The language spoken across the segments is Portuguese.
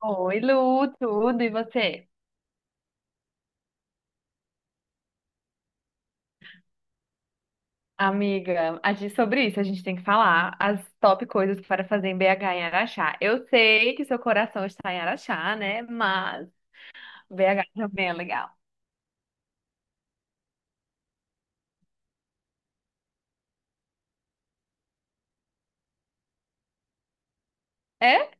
Oi, Lu, tudo, e você? Amiga, sobre isso a gente tem que falar as top coisas para fazer em BH em Araxá. Eu sei que seu coração está em Araxá, né? Mas BH também é legal. É?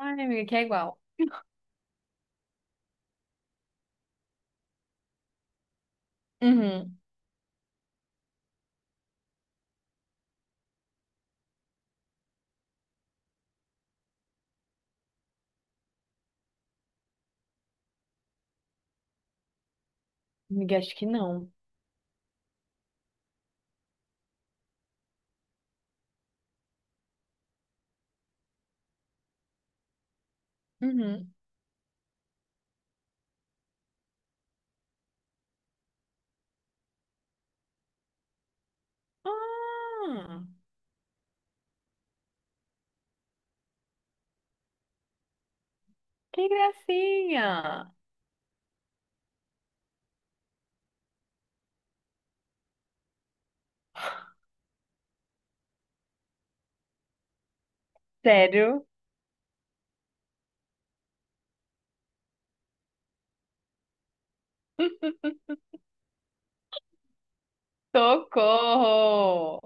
Ai, amiga, que é igual. Uhum. Amiga, acho que não. Uhum. Ah, que gracinha! Sério? Socorro!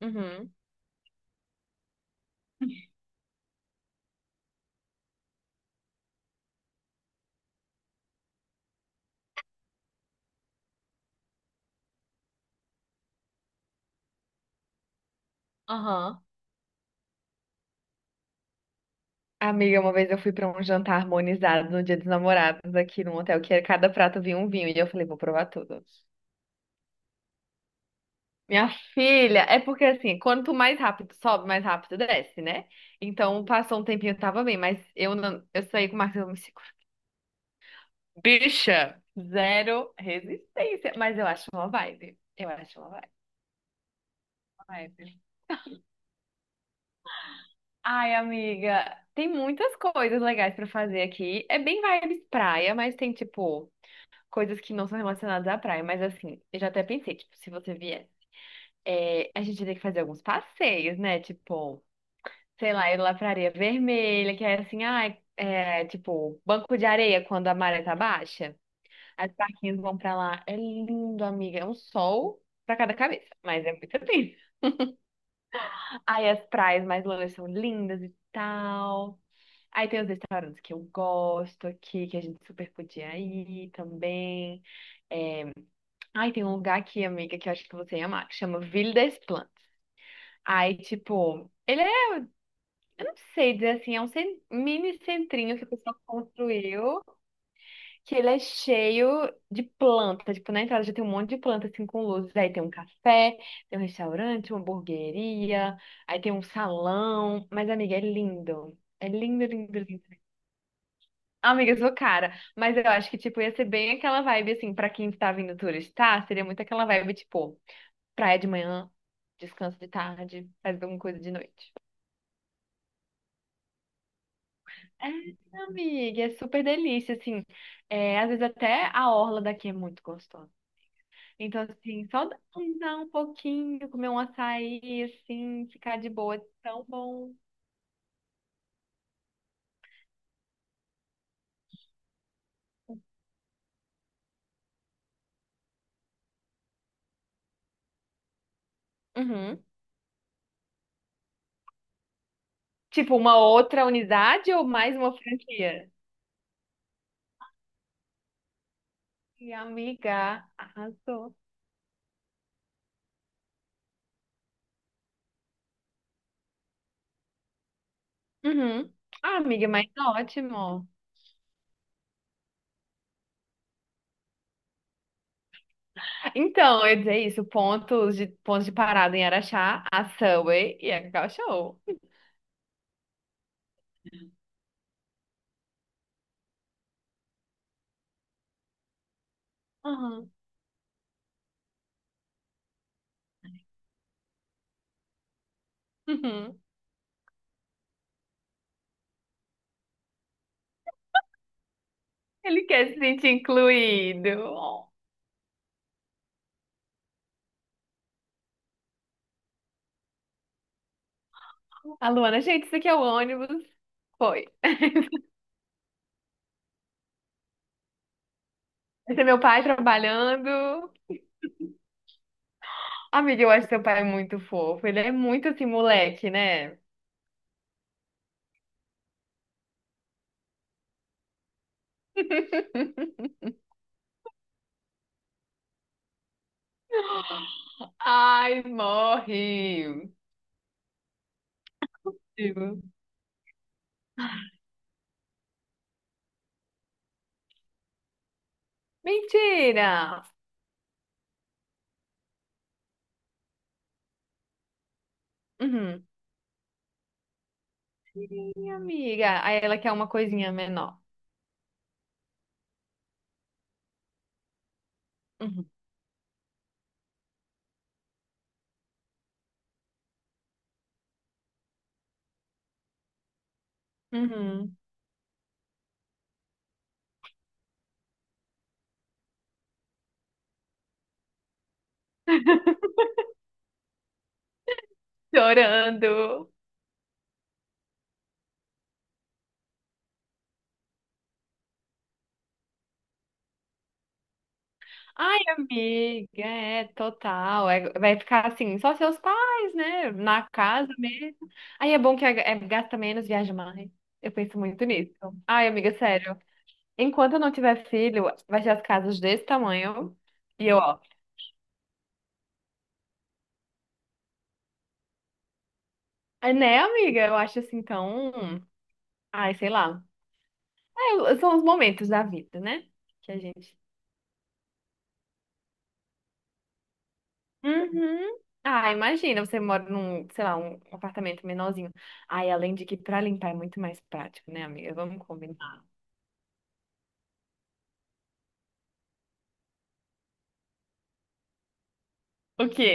Uhum. Aham. Amiga, uma vez eu fui para um jantar harmonizado no Dia dos Namorados aqui num hotel que cada prato vinha um vinho e eu falei, vou provar tudo. Minha filha, é porque assim, quanto mais rápido sobe, mais rápido desce, né? Então passou um tempinho, eu tava bem, mas eu não, eu saí com o Marcos, eu me seguro. Bicha, zero resistência, mas eu acho uma vibe. Eu acho uma vibe. Uma vibe. Ai, amiga, tem muitas coisas legais pra fazer aqui. É bem vibes praia, mas tem tipo coisas que não são relacionadas à praia, mas assim, eu já até pensei, tipo, se você vier, a gente tem que fazer alguns passeios, né? Tipo, sei lá, ir lá pra Areia Vermelha, que é assim, ai, tipo, banco de areia quando a maré tá baixa. As barquinhas vão pra lá. É lindo, amiga. É um sol pra cada cabeça, mas é muito lindo. Aí as praias mais longe são lindas e tal. Aí tem os restaurantes que eu gosto aqui, que a gente super podia ir também. É, Ai, tem um lugar aqui, amiga, que eu acho que você ia amar, que chama Ville des Plantes. Aí, tipo, não sei dizer assim, é um mini centrinho que o pessoal construiu, que ele é cheio de planta. Tipo, na entrada já tem um monte de planta, assim, com luzes. Aí tem um café, tem um restaurante, uma hamburgueria, aí tem um salão. Mas, amiga, é lindo. É lindo, lindo, lindo. Amiga, eu sou cara, mas eu acho que, tipo, ia ser bem aquela vibe, assim, pra quem tá vindo turistar, seria muito aquela vibe, tipo, praia de manhã, descanso de tarde, faz alguma coisa de noite. É, amiga, é super delícia, assim, às vezes até a orla daqui é muito gostosa. Então, assim, só andar um pouquinho, comer um açaí, assim, ficar de boa, é tão bom. Uhum. Tipo, uma outra unidade ou mais uma franquia? E amiga, arrasou. Uhum. Ah, amiga, mas ótimo. Então, eu ia dizer isso, pontos de parada em Araxá, a Subway e a Cacau Show. Uhum. Uhum. Ele quer se sentir incluído. Oh. A Luana, gente, isso aqui é o ônibus. Foi. Esse é meu pai trabalhando. Amiga, eu acho seu pai muito fofo. Ele é muito assim, moleque, né? Ai, morre. Digo, mentira! Uhum. Minha amiga. Aí ela quer uma coisinha menor. Uhum. Uhum. Chorando. Ai, amiga, é total. Vai ficar assim, só seus pais, né? Na casa mesmo. Aí é bom que gasta menos, viaja mais. Eu penso muito nisso. Ai, amiga, sério. Enquanto eu não tiver filho, vai ser as casas desse tamanho. E eu, ó. É, né, amiga? Eu acho assim tão. Ai, sei lá. É, são os momentos da vida, né? Que a gente. Uhum. Ah, imagina, você mora num, sei lá, um apartamento menorzinho. Ai, além de que pra limpar é muito mais prático, né, amiga? Vamos combinar. O quê?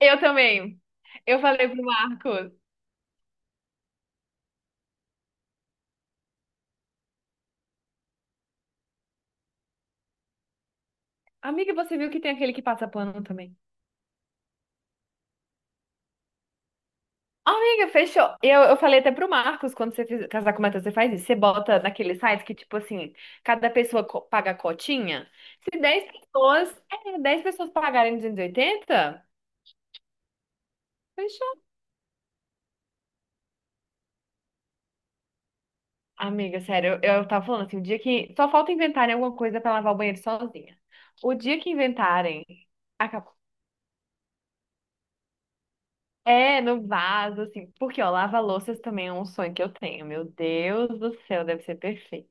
Eu também. Eu falei pro Marcos. Amiga, você viu que tem aquele que passa pano também? Amiga, fechou. Eu falei até pro Marcos, quando você casar com o Matheus, você faz isso. Você bota naquele site que, tipo assim, cada pessoa paga a cotinha. Se 10 pessoas, 10 pessoas pagarem 280. Amiga, sério, eu tava falando assim, o dia que. Só falta inventarem alguma coisa pra lavar o banheiro sozinha. O dia que inventarem, acabou. É, no vaso, assim. Porque, ó, lava-louças também é um sonho que eu tenho. Meu Deus do céu, deve ser perfeito.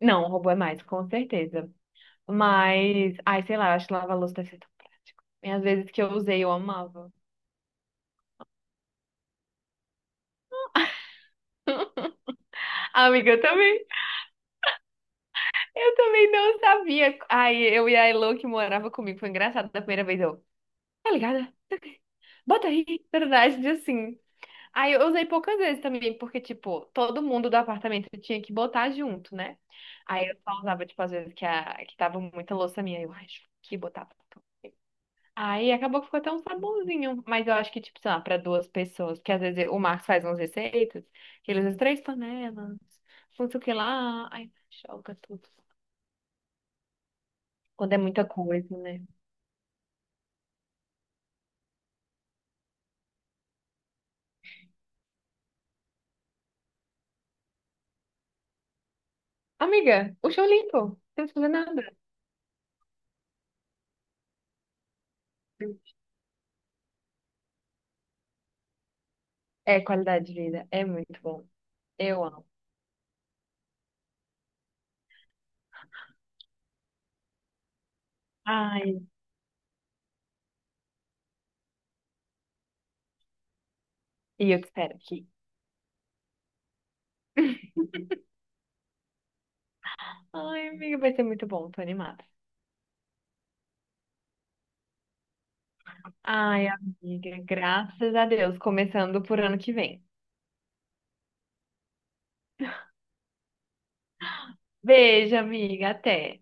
Não, o robô é mais, com certeza. Mas, ai, sei lá, eu acho que lava-louça deve ser tão prático. E às vezes que eu usei, eu amava. Amiga, eu também não sabia. Ai, eu e a Elo que morava comigo, foi engraçado da primeira vez. Eu, tá ligada? Bota aí, verdade, assim. Aí eu usei poucas vezes também, porque, tipo, todo mundo do apartamento tinha que botar junto, né? Aí eu só usava, tipo, às vezes que, que tava muita louça minha, eu acho que botava tudo. Aí acabou que ficou até um sabonzinho, mas eu acho que, tipo, sei lá, pra duas pessoas, porque às vezes o Marcos faz umas receitas, que ele usa três panelas, não sei o que lá, aí joga tudo. Quando é muita coisa, né? Amiga, o chão limpo, não precisa fazer nada. É qualidade de vida, é muito bom. Eu amo. Ai, e eu te espero aqui. Ai, amiga, vai ser muito bom, tô animada. Ai, amiga, graças a Deus, começando por ano que vem. Beijo, amiga, até.